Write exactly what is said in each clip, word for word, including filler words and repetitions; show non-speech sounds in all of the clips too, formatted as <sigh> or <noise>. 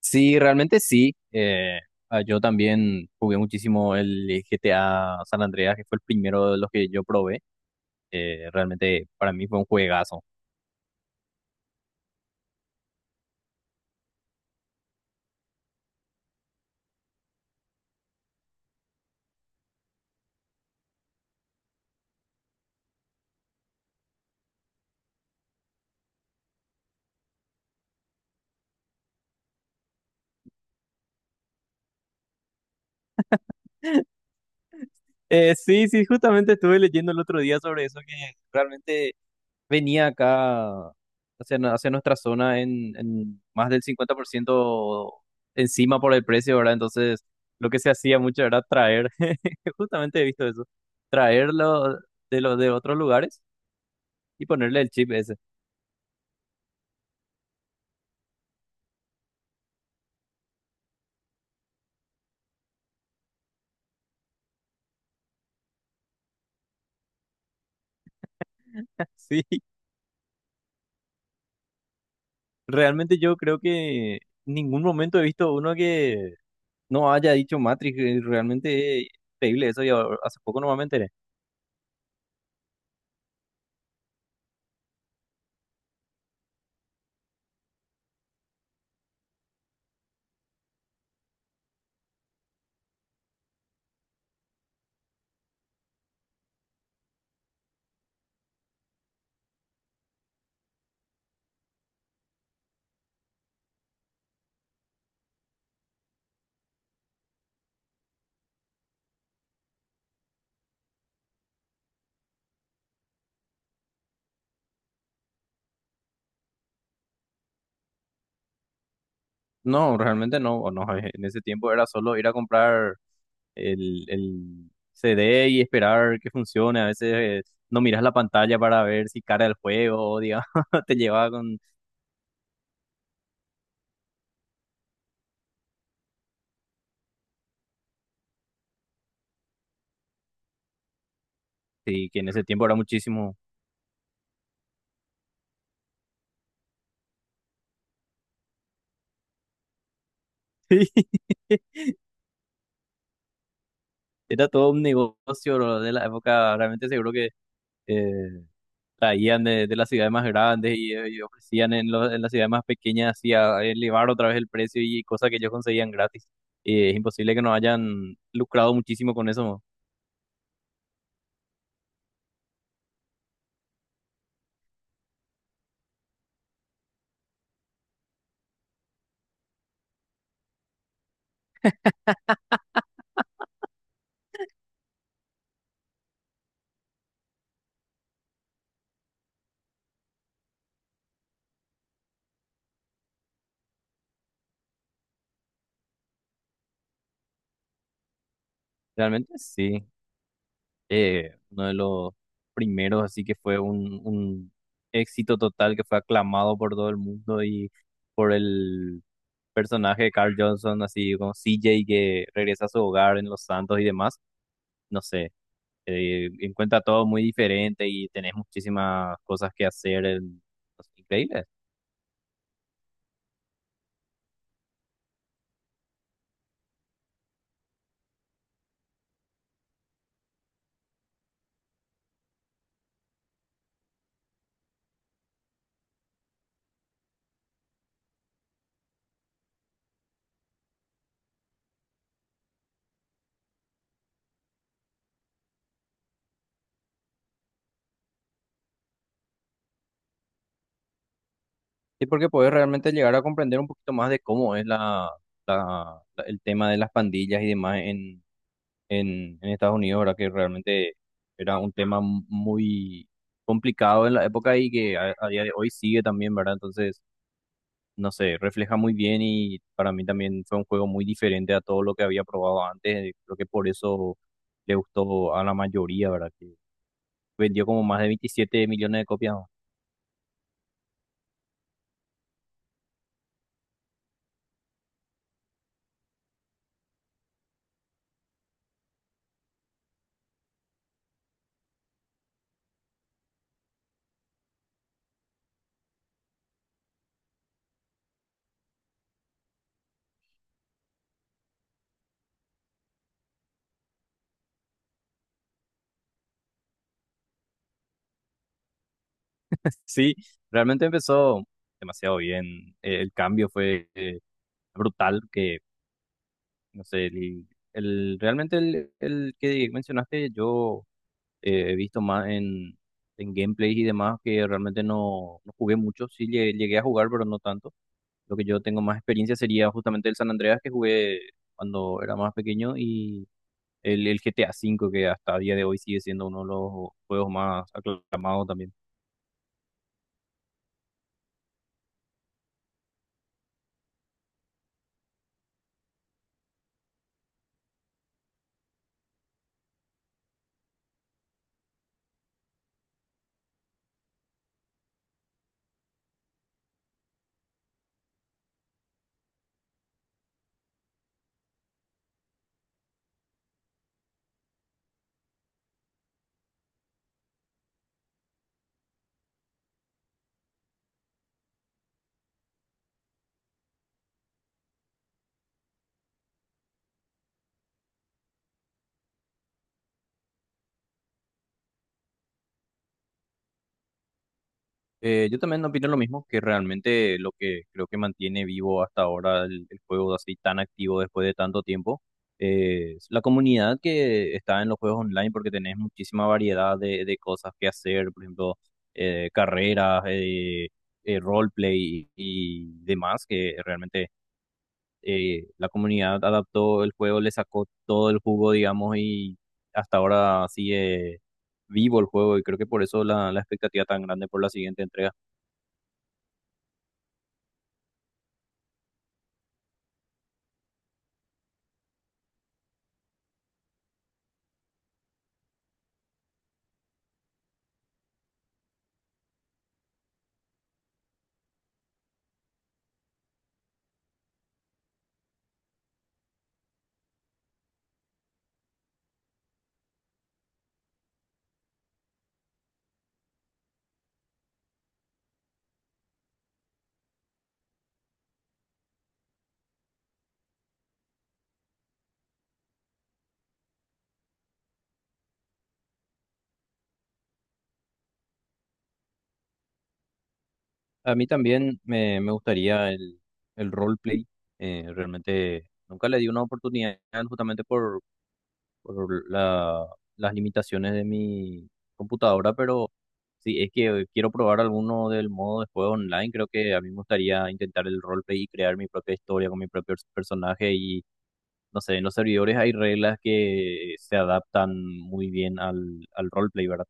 Sí, realmente sí. Eh, ah, yo también jugué muchísimo el G T A San Andreas, que fue el primero de los que yo probé. Eh, realmente para mí fue un juegazo. Eh, sí, sí, justamente estuve leyendo el otro día sobre eso, que realmente venía acá hacia, nu- hacia nuestra zona en, en más del cincuenta por ciento encima por el precio, ¿verdad? Entonces, lo que se hacía mucho era traer, <laughs> justamente he visto eso, traerlo de los de otros lugares y ponerle el chip ese. <laughs> Sí, realmente yo creo que en ningún momento he visto uno que no haya dicho Matrix. eh, Realmente es increíble eso. Y ahora- hace poco no me enteré. No, realmente no. O no, eh, en ese tiempo era solo ir a comprar el, el C D y esperar que funcione. A veces eh, no miras la pantalla para ver si cara el juego o, digamos, <laughs> te llevaba con. Sí, que en ese tiempo era muchísimo. <laughs> Sí, era todo un negocio lo de la época. Realmente seguro que eh, traían de, de las ciudades más grandes y, eh, y ofrecían en, los- en las ciudades más pequeñas así a elevar otra vez el precio y cosas que ellos conseguían gratis. Y es imposible que no hayan lucrado muchísimo con eso, ¿no? Realmente sí, eh, uno de los primeros, así que fue un, un éxito total que fue aclamado por todo el mundo y por el personaje de Carl Johnson, así como C J, que regresa a su hogar en Los Santos y demás. No sé, eh, encuentra todo muy diferente y tenés muchísimas cosas que hacer. En- es Y porque podés realmente llegar a comprender un poquito más de cómo es la, la- la- el tema de las pandillas y demás en, en, en Estados Unidos, ¿verdad? Que realmente era un tema m- muy complicado en la época y que a, a día de hoy sigue también, ¿verdad? Entonces, no sé, refleja muy bien, y para mí también fue un juego muy diferente a todo lo que había probado antes. Creo que por eso le gustó a la mayoría, ¿verdad? Que vendió como más de veintisiete millones de copias, ¿no? <laughs> Sí, realmente empezó demasiado bien. Eh, El cambio fue eh, brutal, que no sé, el, el- realmente el, el que mencionaste yo eh, he visto más en, en gameplays y demás, que realmente no, no jugué mucho. Sí lle- llegué a jugar, pero no tanto. Lo que yo tengo más experiencia sería justamente el San Andreas, que jugué cuando era más pequeño, y el, el G T A cinco, que hasta a día de hoy sigue siendo uno de los juegos más aclamados también. Eh, yo también opino lo mismo, que realmente lo que creo que mantiene vivo hasta ahora el, el juego así tan activo después de tanto tiempo eh, es la comunidad que está en los juegos online, porque tenés muchísima variedad de, de cosas que hacer, por ejemplo, eh, carreras, eh, eh, roleplay y, y demás, que realmente eh, la comunidad adaptó el juego, le sacó todo el jugo, digamos, y hasta ahora sigue vivo el juego, y creo que por eso la, la expectativa tan grande por la siguiente entrega. A mí también me, me gustaría el, el roleplay. Eh, realmente nunca le di una oportunidad justamente por, por la- las limitaciones de mi computadora, pero si es que quiero probar alguno del modo de juego online, creo que a mí me gustaría intentar el roleplay y crear mi propia historia con mi propio personaje, y no sé, en los servidores hay reglas que se adaptan muy bien al, al roleplay, ¿verdad?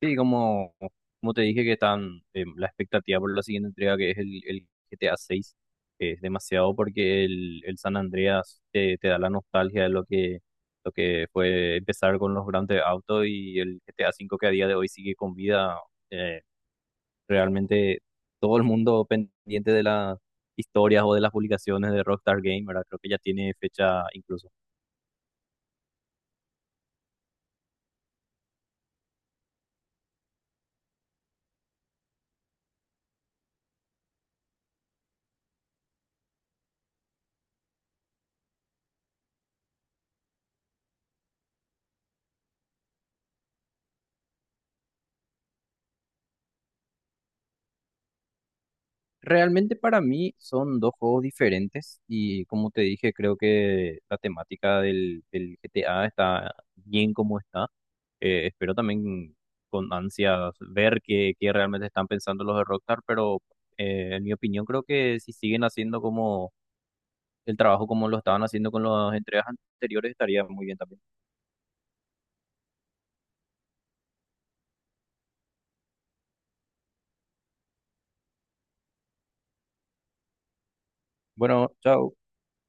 Sí, como, como te dije, que están, eh, la expectativa por la siguiente entrega, que es el, el G T A seis, es demasiado, porque el, el San Andreas te, te da la nostalgia de lo que lo que fue empezar con los Grand Theft Auto, y el G T A cinco, que a día de hoy sigue con vida eh, realmente, todo el mundo pendiente de las historias o de las publicaciones de Rockstar Game, ¿verdad? Creo que ya tiene fecha incluso. Realmente para mí son dos juegos diferentes, y como te dije, creo que la temática del, del G T A está bien como está. Eh, espero también con ansias ver qué, qué realmente están pensando los de Rockstar, pero eh, en mi opinión, creo que si siguen haciendo como el trabajo como lo estaban haciendo con las entregas anteriores, estaría muy bien también. Bueno, chao.